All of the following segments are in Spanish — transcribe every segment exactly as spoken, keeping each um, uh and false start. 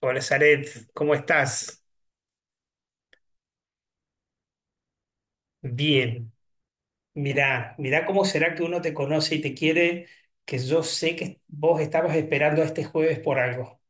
Hola, Zaret, ¿cómo estás? Bien. Mirá, mirá cómo será que uno te conoce y te quiere, que yo sé que vos estabas esperando a este jueves por algo,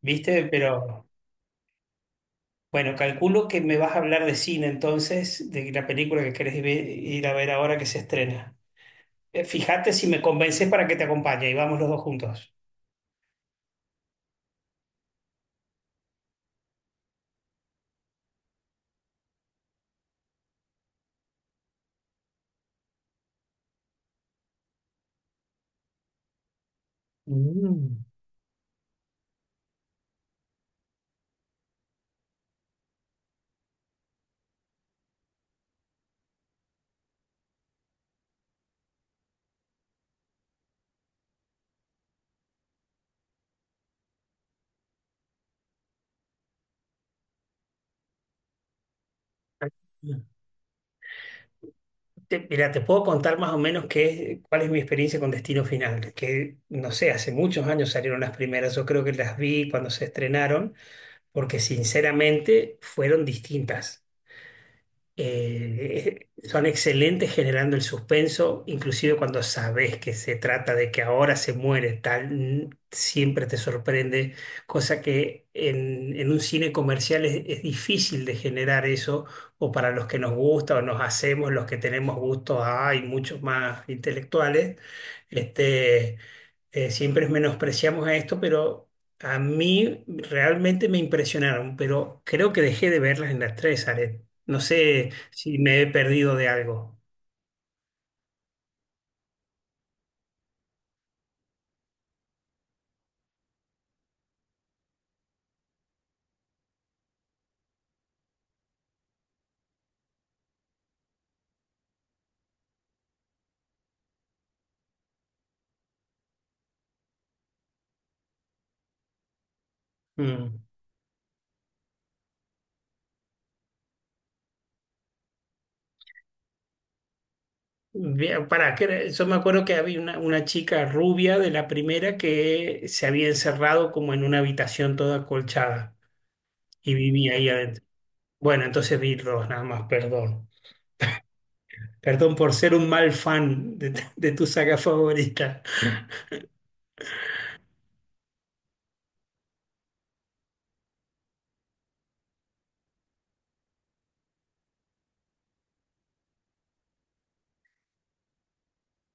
¿viste? Pero bueno, calculo que me vas a hablar de cine entonces, de la película que querés ve- ir a ver ahora que se estrena. Eh, Fíjate si me convences para que te acompañe y vamos los dos juntos. Mm. Te- mira, te puedo contar más o menos qué cuál es mi experiencia con Destino Final, que no sé, hace muchos años salieron las primeras, yo creo que las vi cuando se estrenaron, porque sinceramente fueron distintas, eh, son excelentes generando el suspenso, inclusive cuando sabes que se trata de que ahora se muere tal, siempre te sorprende, cosa que en, en un cine comercial es, es difícil de generar eso, o para los que nos gusta o nos hacemos, los que tenemos gustos, hay muchos más intelectuales, este, eh, siempre menospreciamos a esto, pero... A mí realmente me impresionaron, pero creo que dejé de verlas en las tres, Aret. No sé si me he perdido de algo. Mm. Bien, pará, que era- yo me acuerdo que había una, una chica rubia de la primera que se había encerrado como en una habitación toda acolchada y vivía ahí adentro. Bueno, entonces vi dos nada más, perdón. Perdón por ser un mal fan de, de tu saga favorita.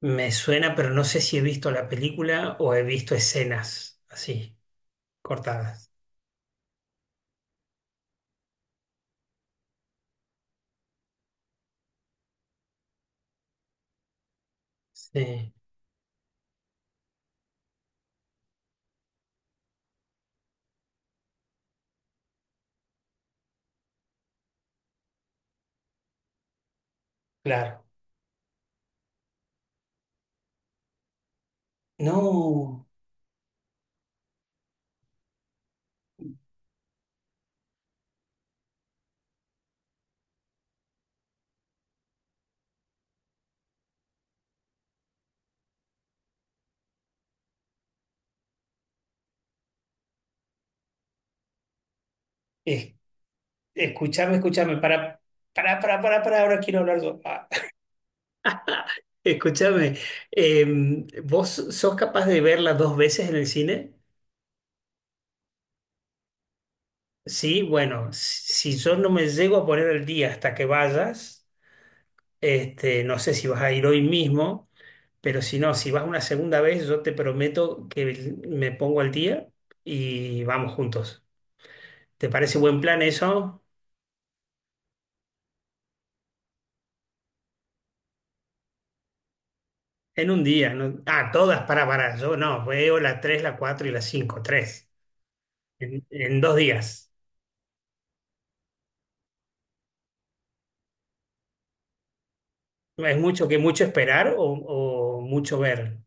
Me suena, pero no sé si he visto la película o he visto escenas así, cortadas. Sí, claro. No, es Escúchame, escúchame, para, para, para, para, para, ahora quiero hablar yo. Ah, Escúchame, em, ¿vos sos capaz de verla dos veces en el cine? Sí, bueno, si yo no me llego a poner al día hasta que vayas, este, no sé si vas a ir hoy mismo, pero si no, si vas una segunda vez, yo te prometo que me pongo al día y vamos juntos. ¿Te parece buen plan eso? En un día, ¿no? Ah, todas para, para, yo no, veo la tres, la cuatro y la cinco, tres. En, en dos días. ¿Es mucho que mucho esperar o, o mucho ver?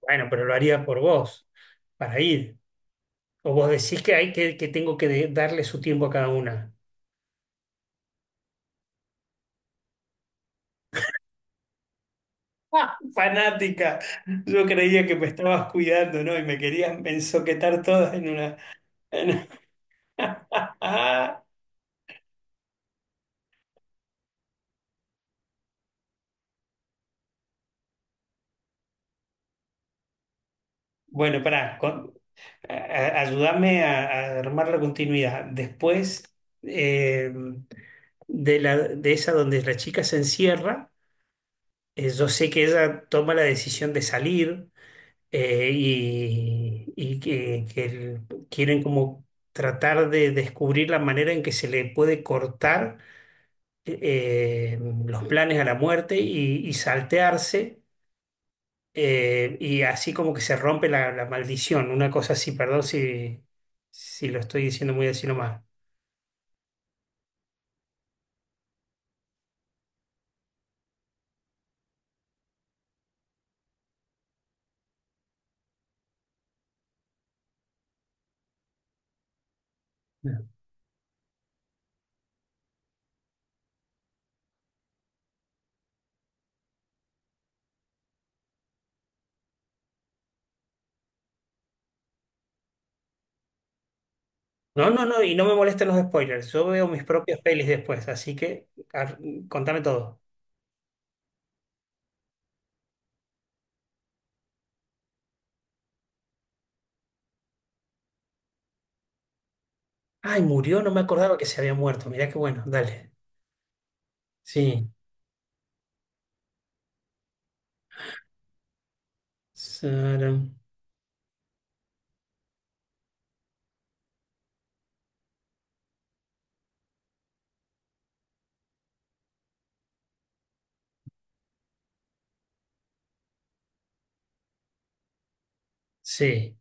Bueno, pero lo haría por vos, para ir. O vos decís que hay que, que tengo que de- darle su tiempo a cada una. ¡Ah! Fanática. Yo creía que me estabas cuidando, ¿no? Y me querías ensoquetar todas en una. en- Bueno, pará, con- a- a- ayúdame a, a armar la continuidad. Después eh, de la, de esa donde la chica se encierra. Eh, yo sé que ella toma la decisión de salir, eh, y, y que, que el- quieren como tratar de descubrir la manera en que se le puede cortar, eh, los planes a la muerte y, y saltearse, eh, y así como que se rompe la, la maldición, una cosa así, perdón si, si lo estoy diciendo muy así nomás. No, no, no, y no me molestan los spoilers, yo veo mis propias pelis después, así que ar- contame todo. Ay, murió, no me acordaba que se había muerto. Mirá qué bueno, dale. Sí. Sara- Sí.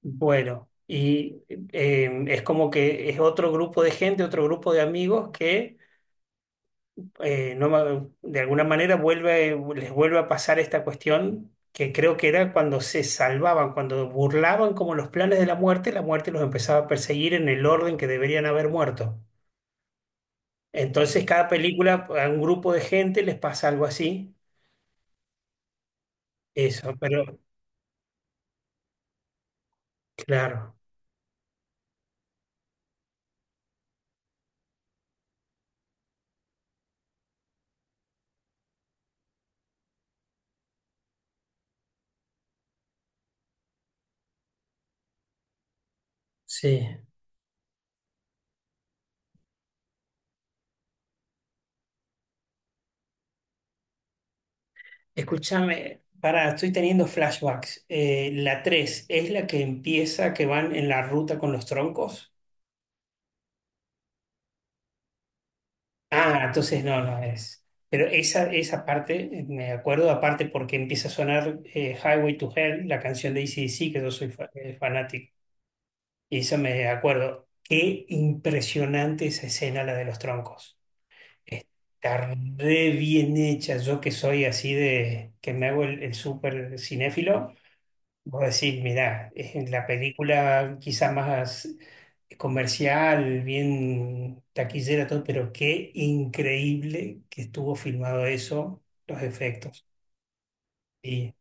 Bueno, y eh, es como que es otro grupo de gente, otro grupo de amigos que eh, no, ma- de alguna manera vuelve, les vuelve a pasar esta cuestión que creo que era cuando se salvaban, cuando burlaban como los planes de la muerte, la muerte los empezaba a perseguir en el orden que deberían haber muerto. Entonces, cada película a un grupo de gente les pasa algo así. Eso, pero claro. Sí. Escúchame, pará, estoy teniendo flashbacks. Eh, la tres es la que empieza, que van en la ruta con los troncos. Ah, entonces no, no es. Pero esa, esa parte, eh, me acuerdo, aparte porque empieza a sonar, eh, Highway to Hell, la canción de A C/D C, que yo soy fa- eh, fanático. Y eso me acuerdo. Qué impresionante esa escena, la de los troncos. Está re bien hecha. Yo que soy así de, que me hago el, el súper cinéfilo. Vos decís, mirá, es la película quizás más comercial, bien taquillera, todo, pero qué increíble que estuvo filmado eso, los efectos. Y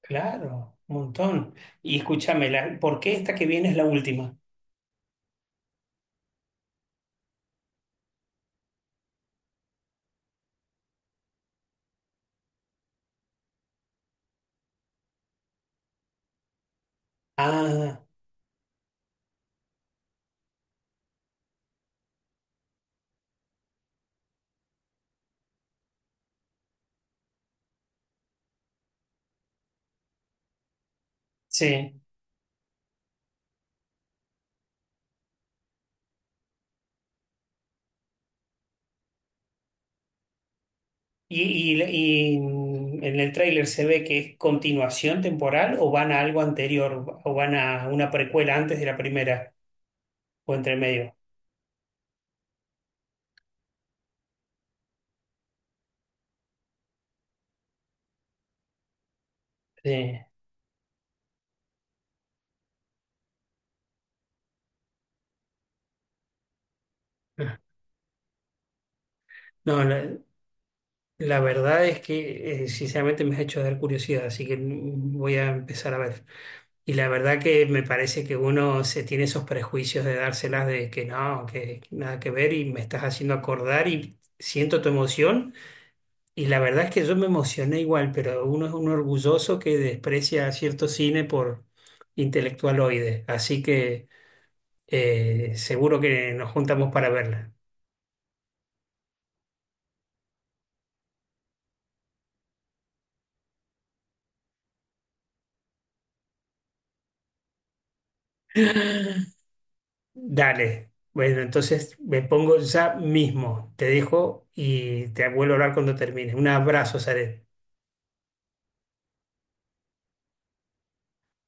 claro, un montón. Y escúchame, la- ¿por qué esta que viene es la última? Ah, sí. ¿Y, y, ¿y en el tráiler se ve que es continuación temporal o van a algo anterior o van a una precuela antes de la primera o entre medio? Sí. No, no. La verdad es que eh, sinceramente me has hecho dar curiosidad, así que mm, voy a empezar a ver. Y la verdad que me parece que uno se tiene esos prejuicios de dárselas de que no, que nada que ver y me estás haciendo acordar y siento tu emoción. Y la verdad es que yo me emocioné igual, pero uno es un orgulloso que desprecia a cierto cine por intelectualoide, así que eh, seguro que nos juntamos para verla. Dale. Bueno, entonces me pongo ya mismo. Te dejo y te vuelvo a hablar cuando termine. Un abrazo, Zaret.